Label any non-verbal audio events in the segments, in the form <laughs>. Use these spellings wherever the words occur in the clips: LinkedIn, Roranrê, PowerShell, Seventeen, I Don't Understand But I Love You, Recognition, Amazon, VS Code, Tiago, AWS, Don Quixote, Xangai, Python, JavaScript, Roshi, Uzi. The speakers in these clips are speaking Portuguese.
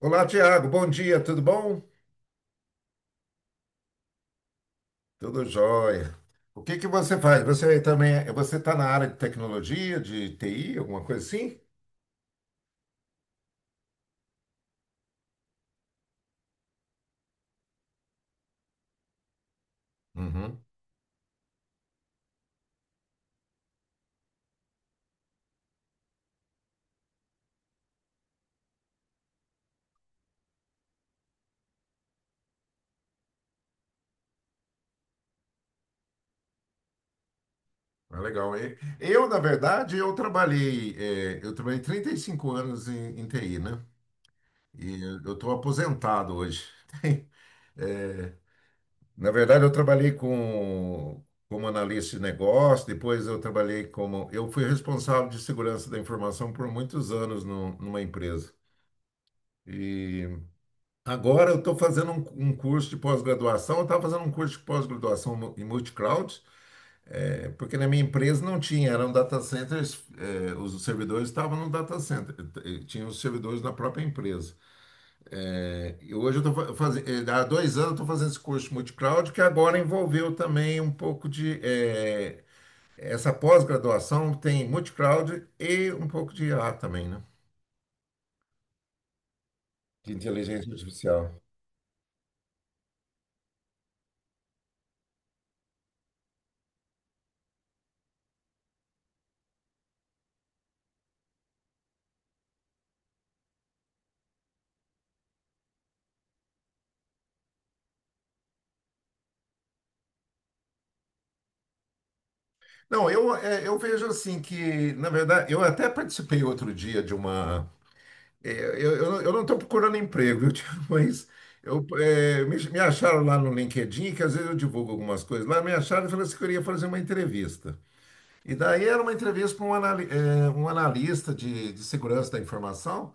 Olá, Tiago. Bom dia, tudo bom? Tudo jóia. O que que você faz? Você também, você está na área de tecnologia, de TI, alguma coisa assim? Uhum. Ah, legal. Eu, na verdade, eu trabalhei 35 anos em TI, né? E eu estou aposentado hoje. <laughs> Eh, Na verdade, eu trabalhei como analista de negócio, depois eu trabalhei Eu fui responsável de segurança da informação por muitos anos numa empresa. E... Agora eu estou fazendo um curso de pós-graduação, eu estava fazendo um curso de pós-graduação em multi-cloud, porque na minha empresa não tinha, eram data centers, os servidores estavam no data center, tinha os servidores na própria empresa. É, e hoje eu estou fazendo, há 2 anos eu estou fazendo esse curso de multi-cloud, que agora envolveu também um pouco de, essa pós-graduação tem multi-cloud e um pouco de IA também, né? De inteligência artificial. Não, eu vejo assim que, na verdade, eu até participei outro dia de uma. Eu não estou procurando emprego, viu, tio? <laughs> Mas me acharam lá no LinkedIn, que às vezes eu divulgo algumas coisas lá, me acharam e falaram assim que eu ia fazer uma entrevista. E daí era uma entrevista para um analista de segurança da informação.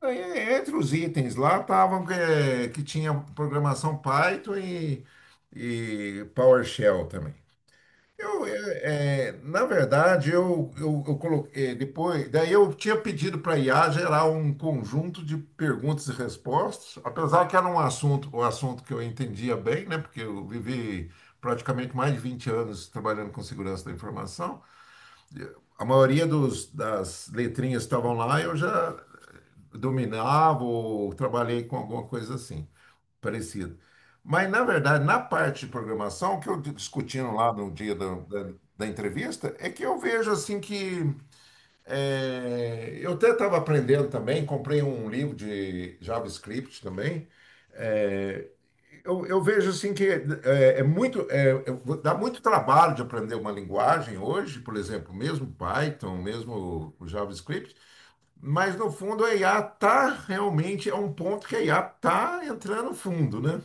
Daí, entre os itens lá estavam que tinha programação Python e PowerShell também. Na verdade, eu coloquei depois, daí eu tinha pedido para a IA gerar um conjunto de perguntas e respostas, apesar que era um assunto, o assunto que eu entendia bem, né? Porque eu vivi praticamente mais de 20 anos trabalhando com segurança da informação. A maioria das letrinhas que estavam lá eu já dominava ou trabalhei com alguma coisa assim parecido. Mas, na verdade, na parte de programação, o que eu discutindo lá no dia da entrevista, é que eu vejo assim que eu até estava aprendendo também, comprei um livro de JavaScript também. Eu vejo assim que dá muito trabalho de aprender uma linguagem hoje, por exemplo, mesmo Python, mesmo o JavaScript, mas no fundo a IA tá realmente, é um ponto que a IA tá entrando fundo, né?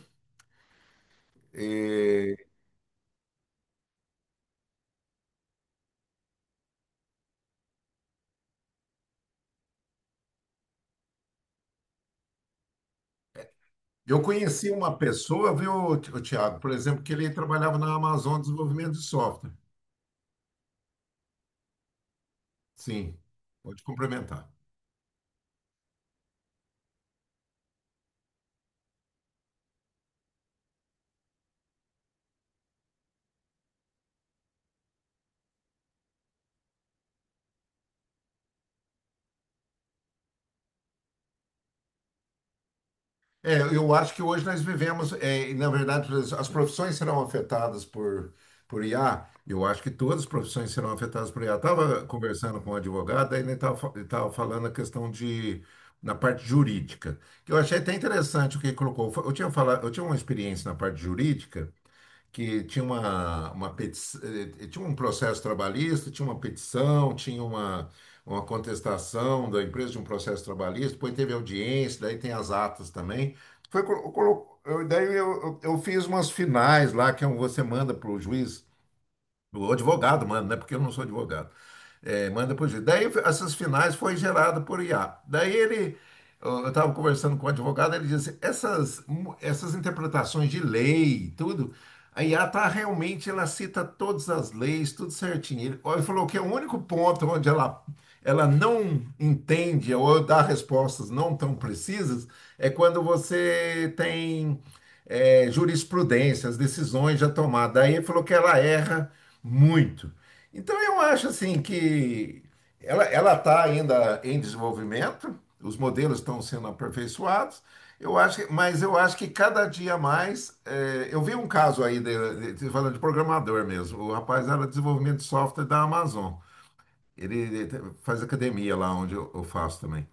Eu conheci uma pessoa, viu, o Tiago, por exemplo, que ele trabalhava na Amazon Desenvolvimento de Software. Sim, pode complementar. É, eu acho que hoje nós vivemos, na verdade, as profissões serão afetadas por IA. Eu acho que todas as profissões serão afetadas por IA. Estava conversando com um advogado, aí ele estava falando a questão de, na parte jurídica, que eu achei até interessante o que ele colocou. Eu tinha uma experiência na parte jurídica, que tinha uma petição, tinha um processo trabalhista, tinha uma petição, tinha uma contestação da empresa de um processo trabalhista, depois teve audiência, daí tem as atas também. Foi, colo- colo- eu, daí eu fiz umas finais lá, que é um, você manda para o juiz o advogado manda, né? Porque eu não sou advogado. É, manda por juiz. Daí essas finais foi gerado por IA. Daí eu estava conversando com o advogado, ele disse, essas interpretações de lei, e tudo, a IA tá realmente, ela cita todas as leis, tudo certinho. Ele, ó, ele falou que é o único ponto onde ela não entende ou dá respostas não tão precisas é quando você tem jurisprudência, as decisões já tomadas. Daí ele falou que ela erra muito. Então eu acho assim que ela está ainda em desenvolvimento, os modelos estão sendo aperfeiçoados. Mas eu acho que cada dia mais, eu vi um caso aí falando de programador mesmo. O rapaz era desenvolvimento de software da Amazon. Ele faz academia lá onde eu faço também.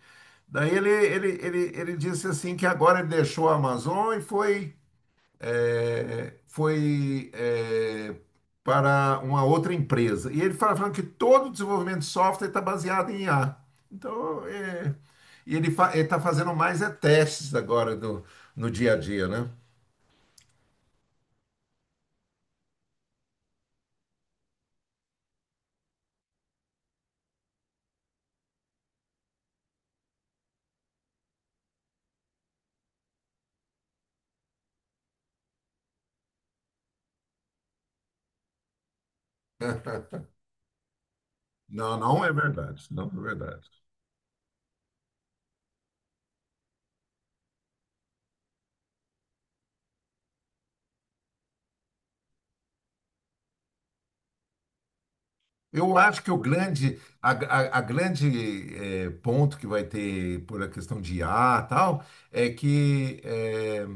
Daí ele disse assim que agora ele deixou a Amazon e foi para uma outra empresa. E ele falando que todo o desenvolvimento de software está baseado em IA. Então, e ele ele está fazendo mais testes agora no dia a dia, né? <laughs> Não, não é verdade. Não é verdade. Eu acho que o grande, a grande ponto que vai ter por a questão de IA e tal, é que, eh,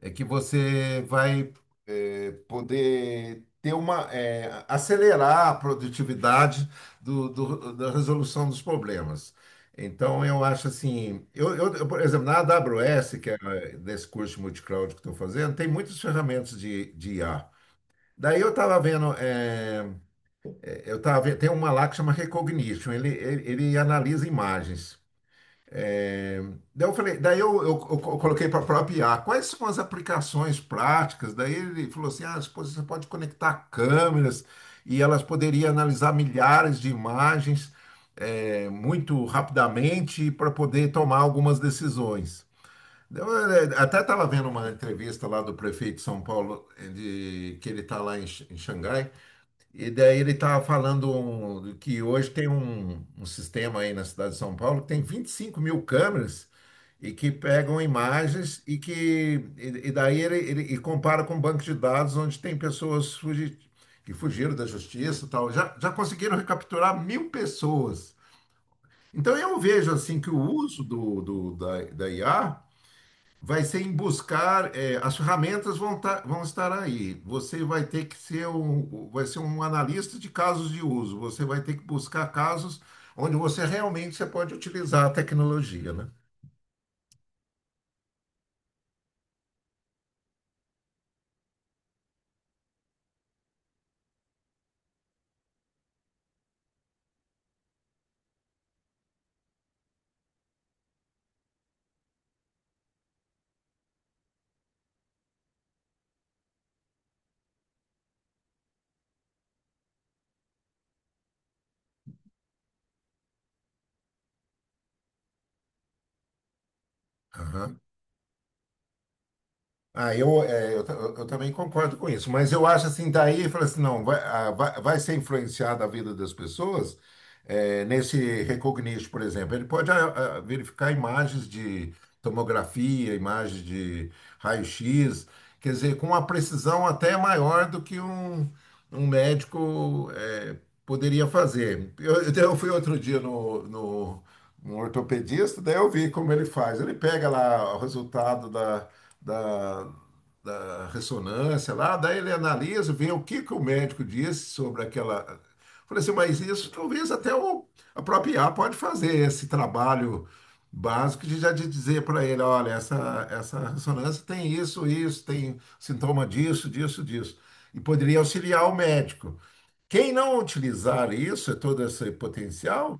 é, que você vai poder ter acelerar a produtividade da resolução dos problemas. Então, eu acho assim, eu, por exemplo, na AWS, que é desse curso de multicloud que estou fazendo, tem muitas ferramentas de IA. Daí eu estava vendo. Eh, eu tava vendo, tem uma lá que chama Recognition, ele analisa imagens. É. Daí eu coloquei para a própria IA, quais são as aplicações práticas? Daí ele falou assim, ah, pô, você pode conectar câmeras e elas poderiam analisar milhares de imagens muito rapidamente para poder tomar algumas decisões. Eu até estava vendo uma entrevista lá do prefeito de São Paulo, que ele está lá em Xangai, e daí ele estava falando que hoje tem um sistema aí na cidade de São Paulo que tem 25 mil câmeras e que pegam imagens e daí ele compara com um banco de dados onde tem pessoas que fugiram da justiça e tal. Já conseguiram recapturar 1.000 pessoas. Então eu vejo assim que o uso da IA vai ser em buscar, as ferramentas vão estar aí. Você vai ter que vai ser um analista de casos de uso. Você vai ter que buscar casos onde você realmente você pode utilizar a tecnologia, né? Aham. Ah, eu, é, eu, ta- eu também concordo com isso, mas eu acho assim, daí fala assim, não, vai ser influenciada a vida das pessoas, nesse Recognition, por exemplo. Ele pode verificar imagens de tomografia, imagens de raio-x, quer dizer, com uma precisão até maior do que um médico poderia fazer. Eu fui outro dia no ortopedista, daí eu vi como ele faz. Ele pega lá o resultado da, da ressonância lá, daí ele analisa, vê o que que o médico disse sobre aquela. Falei assim, mas isso talvez até a própria IA pode fazer esse trabalho básico de dizer para ele, olha, essa ressonância tem isso, isso, tem sintoma disso, disso, disso. E poderia auxiliar o médico. Quem não utilizar isso, todo esse potencial,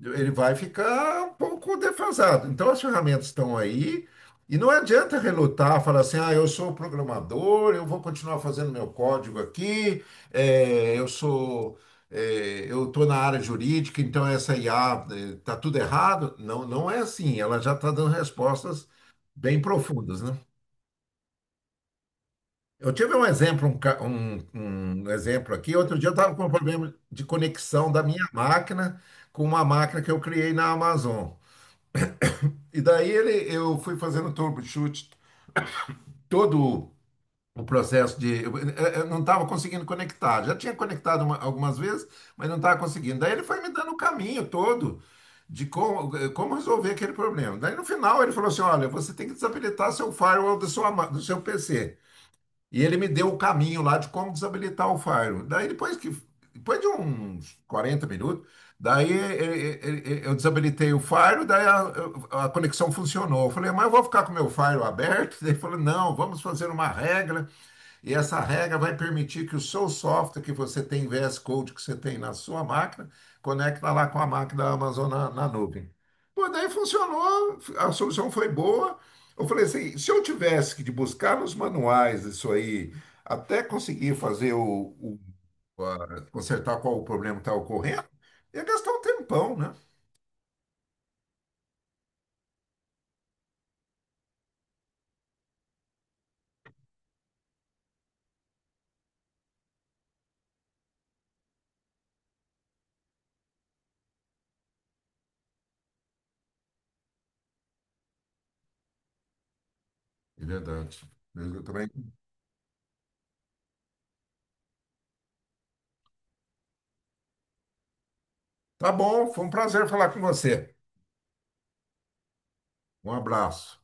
ele vai ficar um pouco defasado. Então, as ferramentas estão aí e não adianta relutar, falar assim, ah, eu sou programador, eu vou continuar fazendo meu código aqui, eh, eu sou, eu estou na área jurídica, então essa IA está tudo errado. Não, não é assim, ela já está dando respostas bem profundas, né? Eu tive um exemplo, um exemplo aqui. Outro dia eu estava com um problema de conexão da minha máquina com uma máquina que eu criei na Amazon. E daí eu fui fazendo troubleshoot, todo o processo de. Eu não estava conseguindo conectar. Já tinha conectado algumas vezes, mas não estava conseguindo. Daí ele foi me dando o caminho todo de como resolver aquele problema. Daí no final ele falou assim: olha, você tem que desabilitar seu firewall do seu PC. E ele me deu o caminho lá de como desabilitar o Fire. Daí depois de uns 40 minutos, daí eu desabilitei o Fire, daí a conexão funcionou. Eu falei, mas eu vou ficar com o meu Fire aberto? <laughs> Ele falou, não, vamos fazer uma regra e essa regra vai permitir que o seu software que você tem, VS Code que você tem na sua máquina, conecta lá com a máquina da Amazon na nuvem. Pô, daí funcionou, a solução foi boa. Eu falei assim, se eu tivesse que de buscar nos manuais isso aí, até conseguir fazer consertar qual o problema que está ocorrendo, ia gastar um tempão, né? É verdade. Eu também. Tá bom, foi um prazer falar com você. Um abraço.